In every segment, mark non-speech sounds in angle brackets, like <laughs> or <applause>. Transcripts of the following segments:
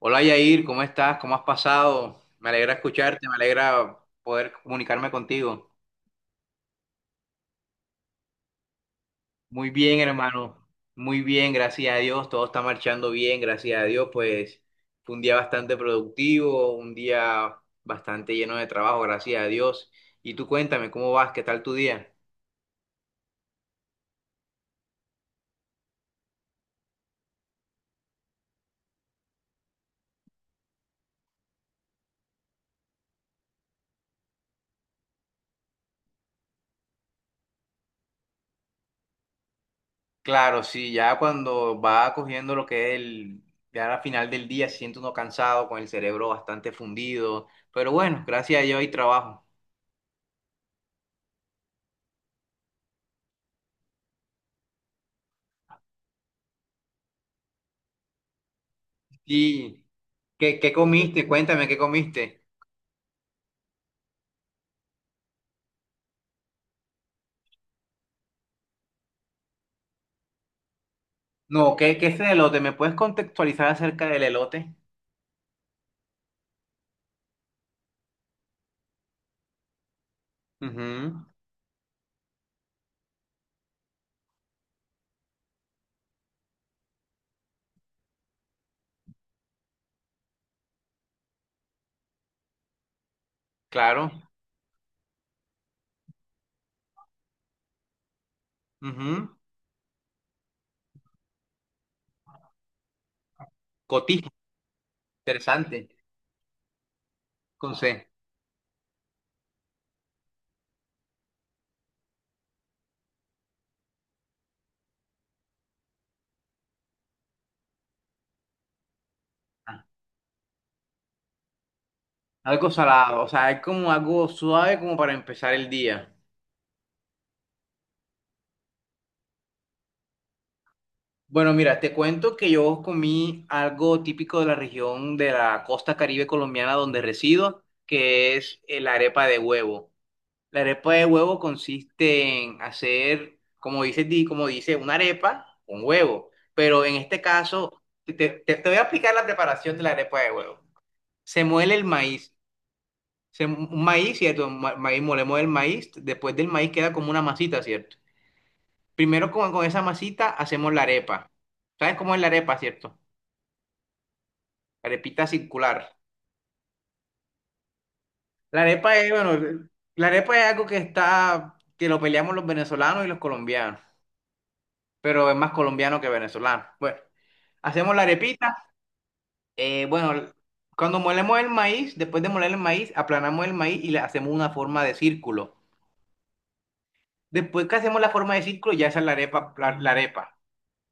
Hola Yair, ¿cómo estás? ¿Cómo has pasado? Me alegra escucharte, me alegra poder comunicarme contigo. Muy bien, hermano. Muy bien, gracias a Dios. Todo está marchando bien, gracias a Dios. Pues fue un día bastante productivo, un día bastante lleno de trabajo, gracias a Dios. Y tú cuéntame, ¿cómo vas? ¿Qué tal tu día? Claro, sí, ya cuando va cogiendo lo que es ya al final del día, se siente uno cansado, con el cerebro bastante fundido. Pero bueno, gracias a Dios hay trabajo. Sí. ¿Qué comiste? Cuéntame, ¿qué comiste? No, ¿qué es el elote? ¿Me puedes contextualizar acerca del elote? Ujú, claro. Ujú. Cotiza, interesante. Con C. Ah, algo salado, o sea, es como algo suave como para empezar el día. Bueno, mira, te cuento que yo comí algo típico de la región de la costa Caribe colombiana donde resido, que es la arepa de huevo. La arepa de huevo consiste en hacer, como dice, como dice, una arepa con huevo. Pero en este caso, te voy a explicar la preparación de la arepa de huevo. Se muele el maíz. Se, un maíz, ¿cierto? Maíz, molemos el maíz. Después del maíz queda como una masita, ¿cierto? Primero con esa masita hacemos la arepa. ¿Sabes cómo es la arepa, cierto? La arepita circular. La arepa es, bueno, la arepa es algo que está, que lo peleamos los venezolanos y los colombianos. Pero es más colombiano que venezolano. Bueno, hacemos la arepita. eh, bueno, cuando molemos el maíz, después de moler el maíz, aplanamos el maíz y le hacemos una forma de círculo. Después que hacemos la forma de círculo, ya esa es la arepa, la arepa.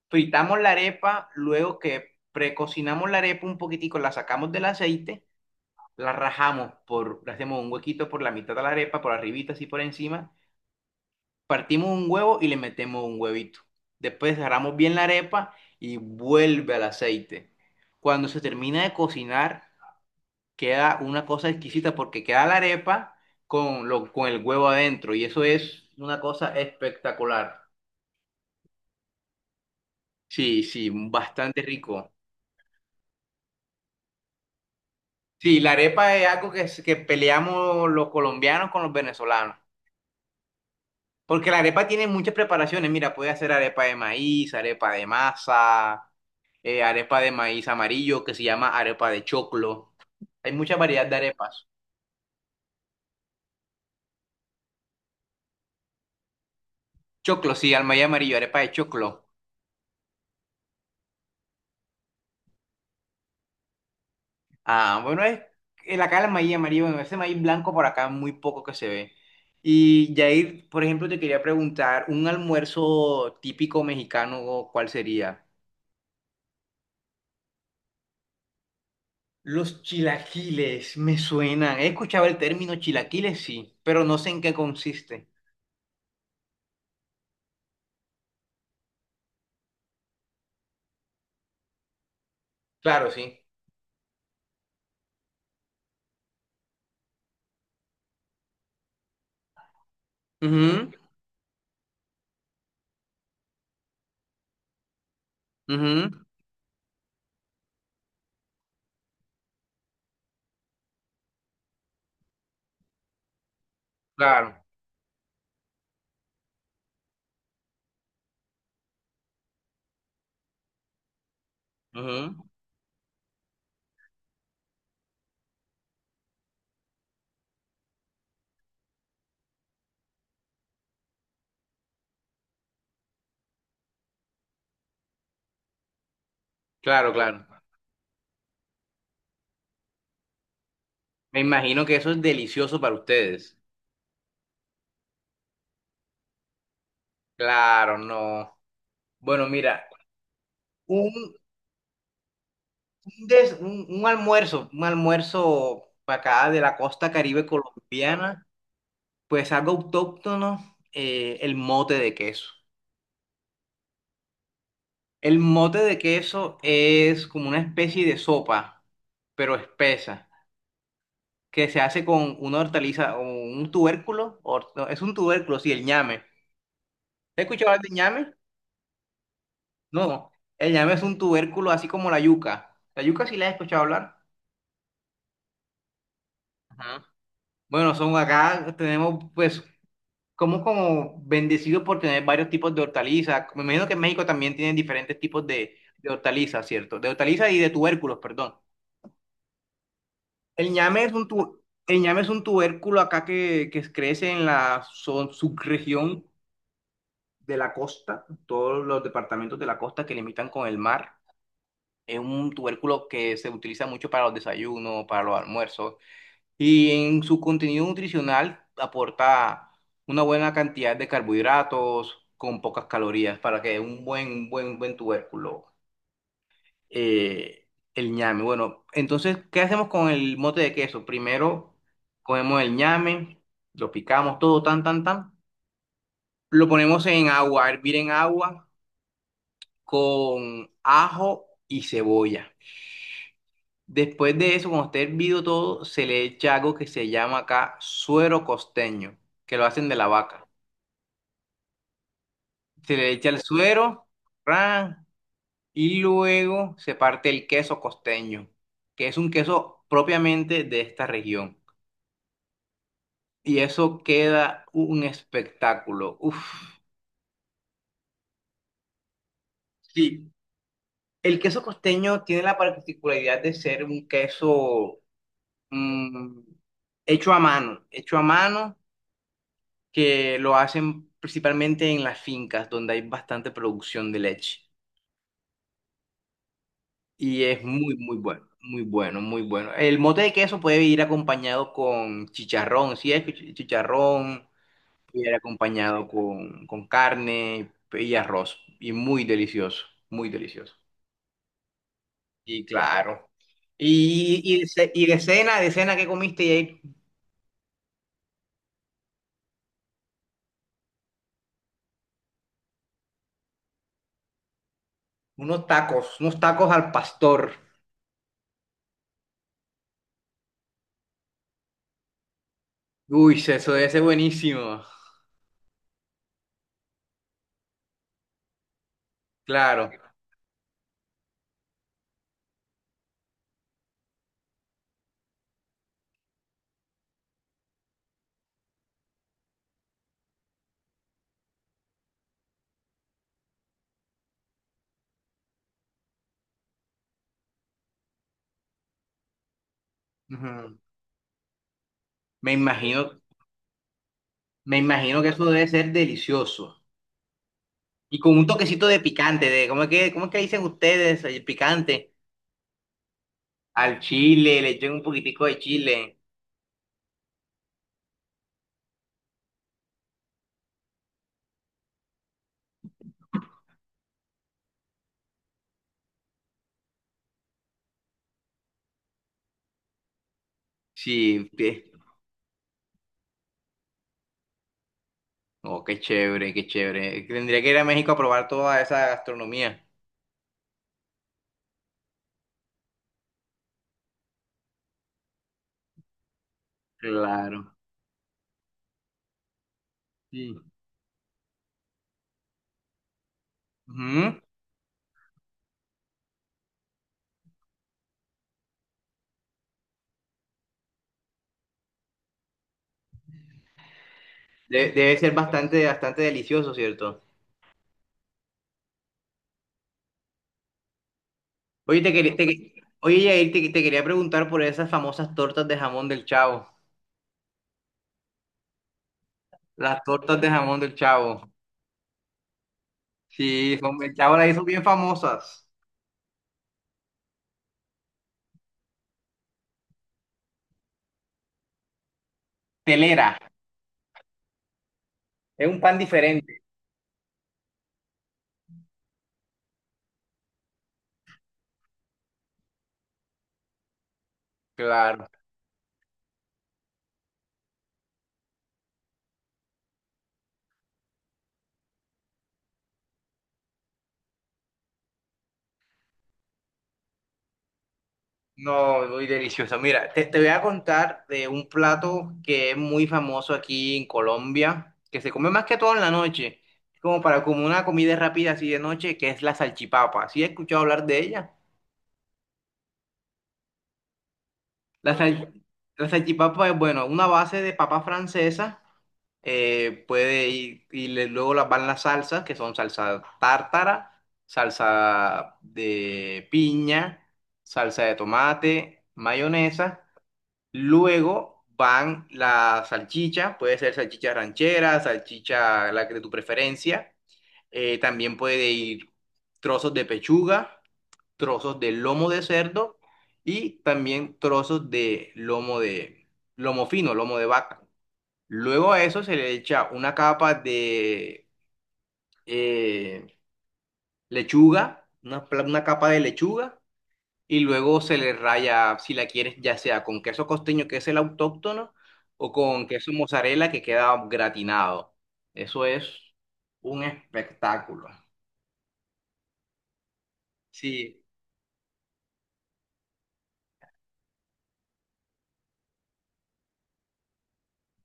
Fritamos la arepa, luego que precocinamos la arepa un poquitico, la sacamos del aceite, la rajamos por, le hacemos un huequito por la mitad de la arepa, por arribita así por encima. Partimos un huevo y le metemos un huevito. Después agarramos bien la arepa y vuelve al aceite. Cuando se termina de cocinar, queda una cosa exquisita porque queda la arepa con el huevo adentro y eso es una cosa espectacular. Sí, sí, bastante rico. Sí, la arepa es algo que peleamos los colombianos con los venezolanos. Porque la arepa tiene muchas preparaciones. Mira, puede hacer arepa de maíz, arepa de masa. Arepa de maíz amarillo que se llama arepa de choclo. Hay mucha variedad de arepas. Choclo, sí, al maíz amarillo, arepa de choclo. Ah, bueno, es el acá el maíz amarillo, bueno, ese maíz blanco por acá muy poco que se ve. Y Jair, por ejemplo, te quería preguntar, un almuerzo típico mexicano, ¿cuál sería? Los chilaquiles me suenan. He escuchado el término chilaquiles, sí, pero no sé en qué consiste. Claro, sí. Ujú, ujú, claro, ujú, claro, claro. Me imagino que eso es delicioso para ustedes. Claro, no. Bueno, mira, un, un almuerzo para acá de la costa Caribe colombiana, pues algo autóctono, el mote de queso. El mote de queso es como una especie de sopa, pero espesa, que se hace con una hortaliza o un tubérculo, no, es un tubérculo, sí, el ñame. ¿Has escuchado hablar de ñame? No, el ñame es un tubérculo así como la yuca. La yuca sí la he escuchado hablar. Ajá. Bueno, son acá, tenemos pues como como bendecidos por tener varios tipos de hortalizas. Me imagino que en México también tienen diferentes tipos de hortalizas, ¿cierto? De hortalizas y de tubérculos, perdón. El ñame es un tu- el ñame es un tubérculo acá que crece en la subregión de la costa, todos los departamentos de la costa que limitan con el mar. Es un tubérculo que se utiliza mucho para los desayunos, para los almuerzos. Y en su contenido nutricional aporta una buena cantidad de carbohidratos con pocas calorías para que dé un buen tubérculo, eh, el ñame. Bueno, entonces, ¿qué hacemos con el mote de queso? Primero cogemos el ñame, lo picamos todo tan, tan, tan. Lo ponemos en agua, a hervir en agua con ajo y cebolla. Después de eso, cuando esté hervido todo, se le echa algo que se llama acá suero costeño, que lo hacen de la vaca. Se le echa el suero, ran, y luego se parte el queso costeño, que es un queso propiamente de esta región. Y eso queda un espectáculo. Uf. Sí, el queso costeño tiene la particularidad de ser un queso mm, hecho a mano, hecho a mano, que lo hacen principalmente en las fincas donde hay bastante producción de leche. Y es muy, muy bueno, muy bueno, muy bueno. El mote de queso puede ir acompañado con chicharrón, si es chi- chicharrón, puede ir acompañado con carne y arroz. Y muy delicioso, muy delicioso. Y claro. Y de cena que comiste, y hay unos tacos al pastor. Uy, eso debe ser buenísimo. Claro. Ujú. Me imagino, me imagino que eso debe ser delicioso. Y con un toquecito de picante, de ¿cómo es cómo es que dicen ustedes el picante? Al chile, le echan un poquitico de chile. Sí, qué- oh, qué chévere, qué chévere. Tendría que ir a México a probar toda esa gastronomía. Claro. Sí. Ujú. De- debe ser bastante, bastante delicioso, ¿cierto? Oye, te quería, te que- oye, Yair, te quería preguntar por esas famosas tortas de jamón del Chavo. Las tortas de jamón del Chavo. Sí, son, ya ahora ahí son bien famosas. Telera, es un pan diferente. Claro. No, muy delicioso. Mira, te voy a contar de un plato que es muy famoso aquí en Colombia, que se come más que todo en la noche, como para como una comida rápida así de noche, que es la salchipapa. ¿Sí he escuchado hablar de ella? La, sal- la salchipapa es, bueno, una base de papa francesa. Puede ir, luego las van las salsas, que son salsa tártara, salsa de piña, salsa de tomate, mayonesa. Luego van la salchicha, puede ser salchicha ranchera, salchicha la que de tu preferencia. También puede ir trozos de pechuga, trozos de lomo de cerdo y también trozos de lomo fino, lomo de vaca. Luego a eso se le echa una capa de eh, lechuga, una capa de lechuga, y luego se le raya, si la quieres, ya sea con queso costeño, que es el autóctono, o con queso mozzarella, que queda gratinado. Eso es un espectáculo. Sí,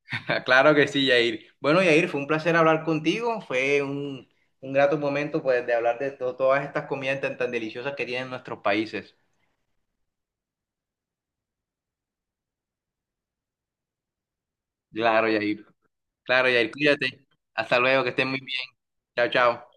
<laughs> claro que sí, Yair. Bueno, Yair, fue un placer hablar contigo. Fue un grato momento pues, de hablar de todas estas comidas tan, tan deliciosas que tienen nuestros países. Claro, Yair. Claro, Yair, cuídate. Hasta luego, que estén muy bien. Chao, chao.